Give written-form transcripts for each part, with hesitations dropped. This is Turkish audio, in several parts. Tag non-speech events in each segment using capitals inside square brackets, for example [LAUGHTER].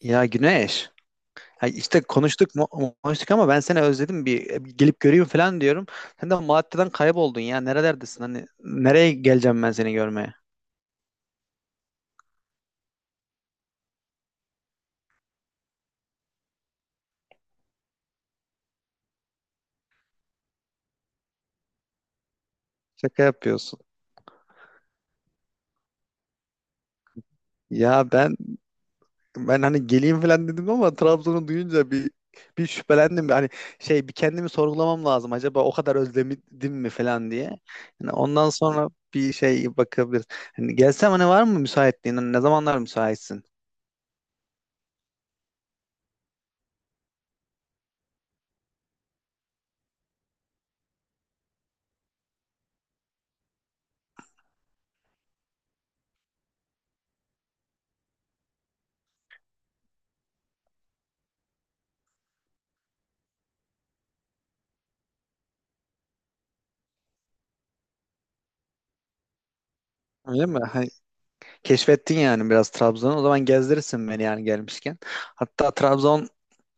Ya Güneş, ha işte konuştuk mu konuştuk ama ben seni özledim bir gelip göreyim falan diyorum. Sen de Malatya'dan kayboldun ya nerelerdesin hani nereye geleceğim ben seni görmeye? Şaka yapıyorsun. Ya ben hani geleyim falan dedim ama Trabzon'u duyunca bir şüphelendim. Hani şey bir kendimi sorgulamam lazım acaba o kadar özledim mi falan diye. Yani ondan sonra bir şey bakabiliriz. Hani gelsem hani var mı müsaitliğin? Hani ne zamanlar müsaitsin? Öyle mi? Keşfettin yani biraz Trabzon'u. O zaman gezdirirsin beni yani gelmişken. Hatta Trabzon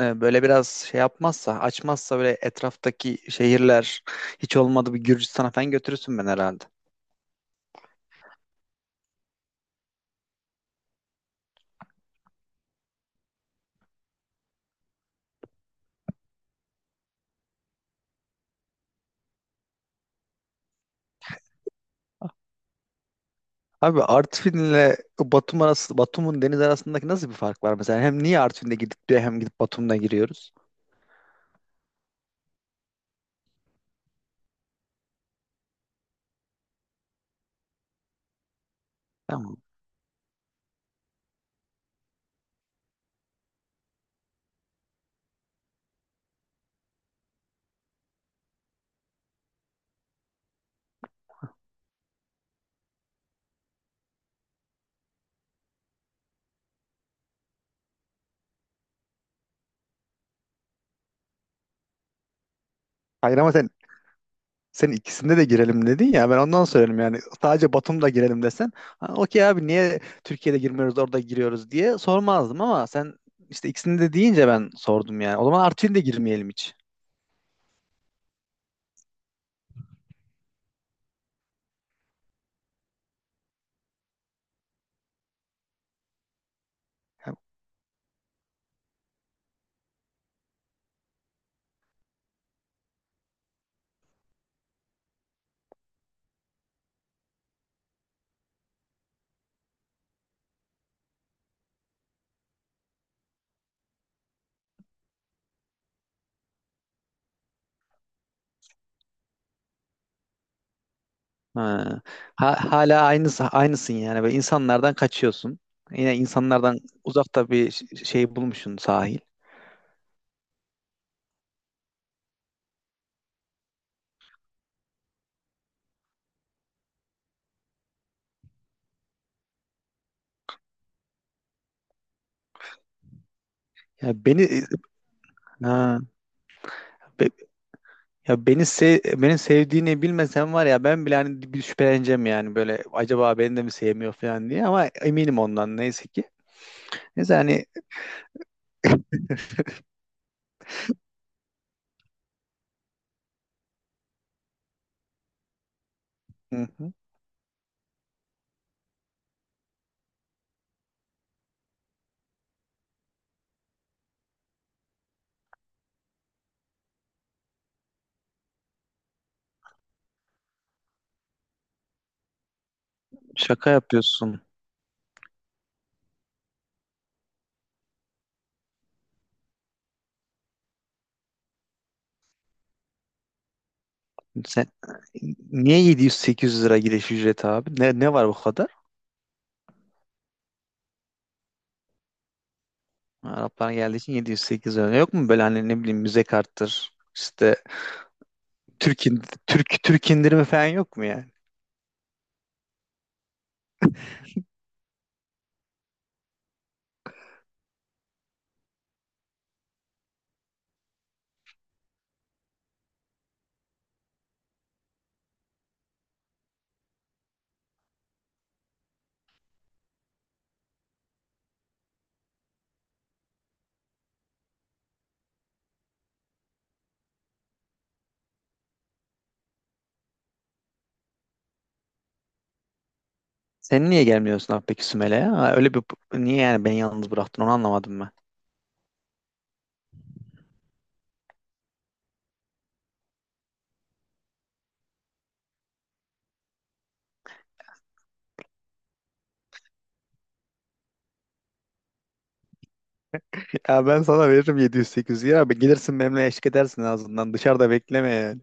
böyle biraz şey yapmazsa, açmazsa böyle etraftaki şehirler hiç olmadı bir Gürcistan'a falan götürürsün beni herhalde. Abi Artvin'le Batum arası, Batum'un deniz arasındaki nasıl bir fark var mesela? Hem niye Artvin'de gidip diyor hem gidip Batum'da giriyoruz? Tamam. Hayır ama sen ikisinde de girelim dedin ya ben ondan söyledim yani sadece Batum'da girelim desen "Ha, okey abi niye Türkiye'de girmiyoruz orada giriyoruz" diye sormazdım ama sen işte ikisinde de deyince ben sordum yani o zaman Artvin'de girmeyelim hiç. Ha. Hala aynısın yani böyle insanlardan kaçıyorsun yine insanlardan uzakta bir şey bulmuşsun sahil. Ya beni ha, Ya beni sev beni sevdiğini bilmesem var ya ben bile hani bir şüpheleneceğim yani böyle acaba beni de mi sevmiyor falan diye ama eminim ondan neyse ki. Neyse hani, hı hı, şaka yapıyorsun. Sen niye 700-800 lira giriş ücreti abi? Ne var bu kadar? Araplar geldiği için 700-800 lira. Yok mu böyle hani ne bileyim müze karttır işte Türk, in- Türk indirimi falan yok mu yani? Sen niye gelmiyorsun abi peki Sümele'ye? Ha, öyle bir niye yani beni yalnız bıraktın onu anlamadım. Ya ben sana veririm 700-800 lira. Abi gelirsin benimle eşlik edersin en azından. Dışarıda bekleme yani.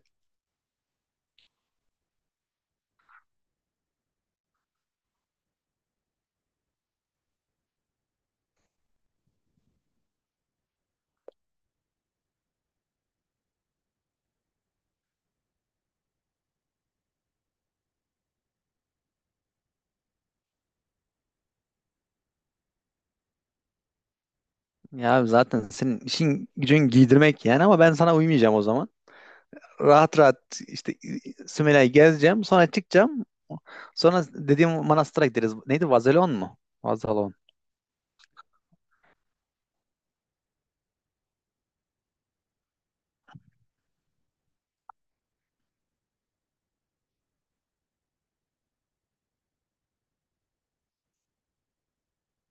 Ya abi zaten senin işin gücün giydirmek yani ama ben sana uymayacağım o zaman. Rahat rahat işte Sümela'yı gezeceğim. Sonra çıkacağım. Sonra dediğim manastıra gideriz. Neydi? Vazelon mu? Vazelon.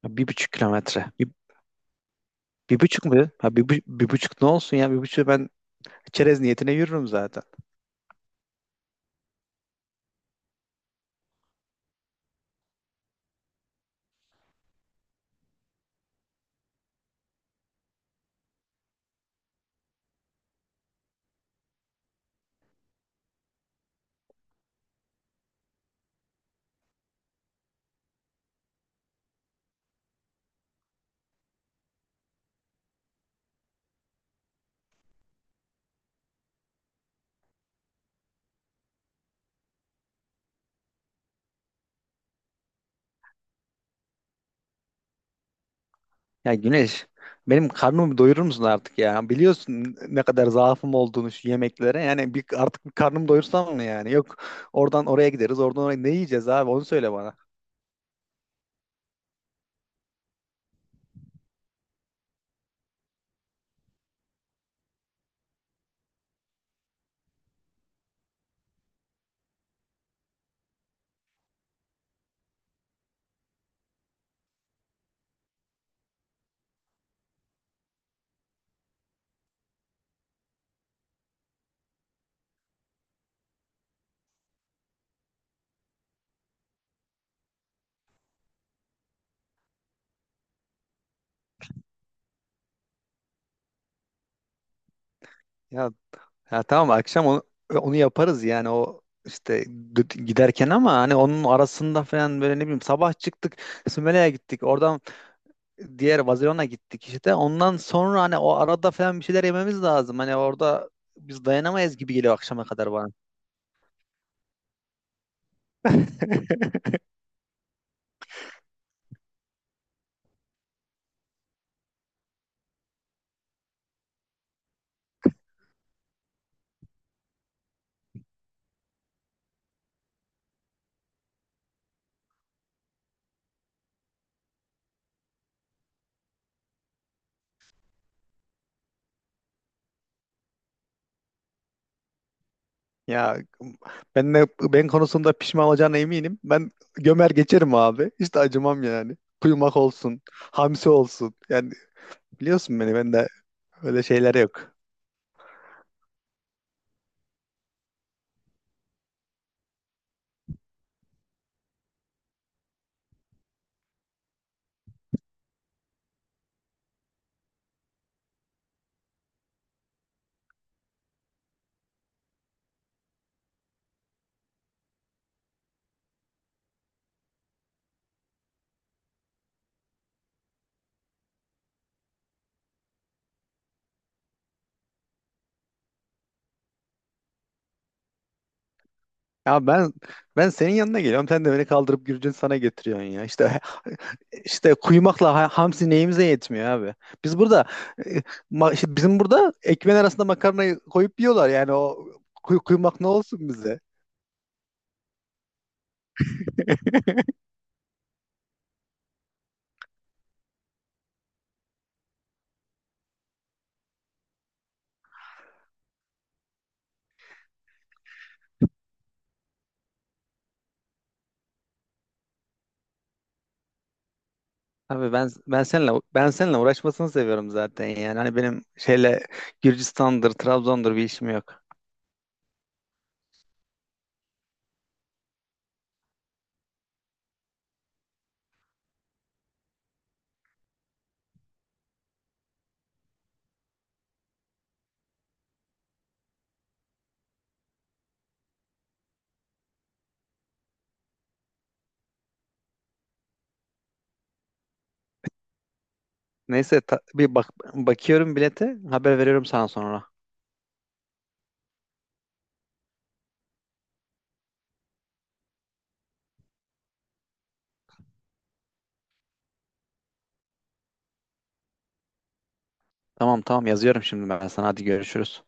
Ya bir buçuk kilometre. Bir buçuk mu? Ha, bir buçuk ne olsun ya? Bir buçuk ben çerez niyetine yürürüm zaten. Ya Güneş, benim karnımı doyurur musun artık ya? Biliyorsun ne kadar zaafım olduğunu şu yemeklere. Yani artık bir karnımı doyursam mı yani? Yok oradan oraya gideriz, oradan oraya. Ne yiyeceğiz abi? Onu söyle bana. Ya, ya tamam akşam onu yaparız yani o işte giderken ama hani onun arasında falan böyle ne bileyim sabah çıktık Sümele'ye gittik oradan diğer Vazirona gittik işte ondan sonra hani o arada falan bir şeyler yememiz lazım hani orada biz dayanamayız gibi geliyor akşama kadar bana. [LAUGHS] Ya ben konusunda pişman olacağına eminim. Ben gömer geçerim abi. Hiç de acımam yani. Kuyumak olsun, hamsi olsun. Yani biliyorsun beni ben de öyle şeyler yok. Ya ben senin yanına geliyorum. Sen de beni kaldırıp Gürcün sana getiriyorsun ya. İşte kuyumakla hamsi neyimize yetmiyor abi. Biz burada e, işte bizim burada ekmeğin arasında makarnayı koyup yiyorlar. Yani o kuyumak ne olsun bize? [LAUGHS] Tabii ben seninle uğraşmasını seviyorum zaten yani. Hani benim şeyle Gürcistan'dır, Trabzon'dur bir işim yok. Neyse bir bakıyorum bilete, haber veriyorum sana sonra. Tamam tamam yazıyorum şimdi ben sana. Hadi görüşürüz.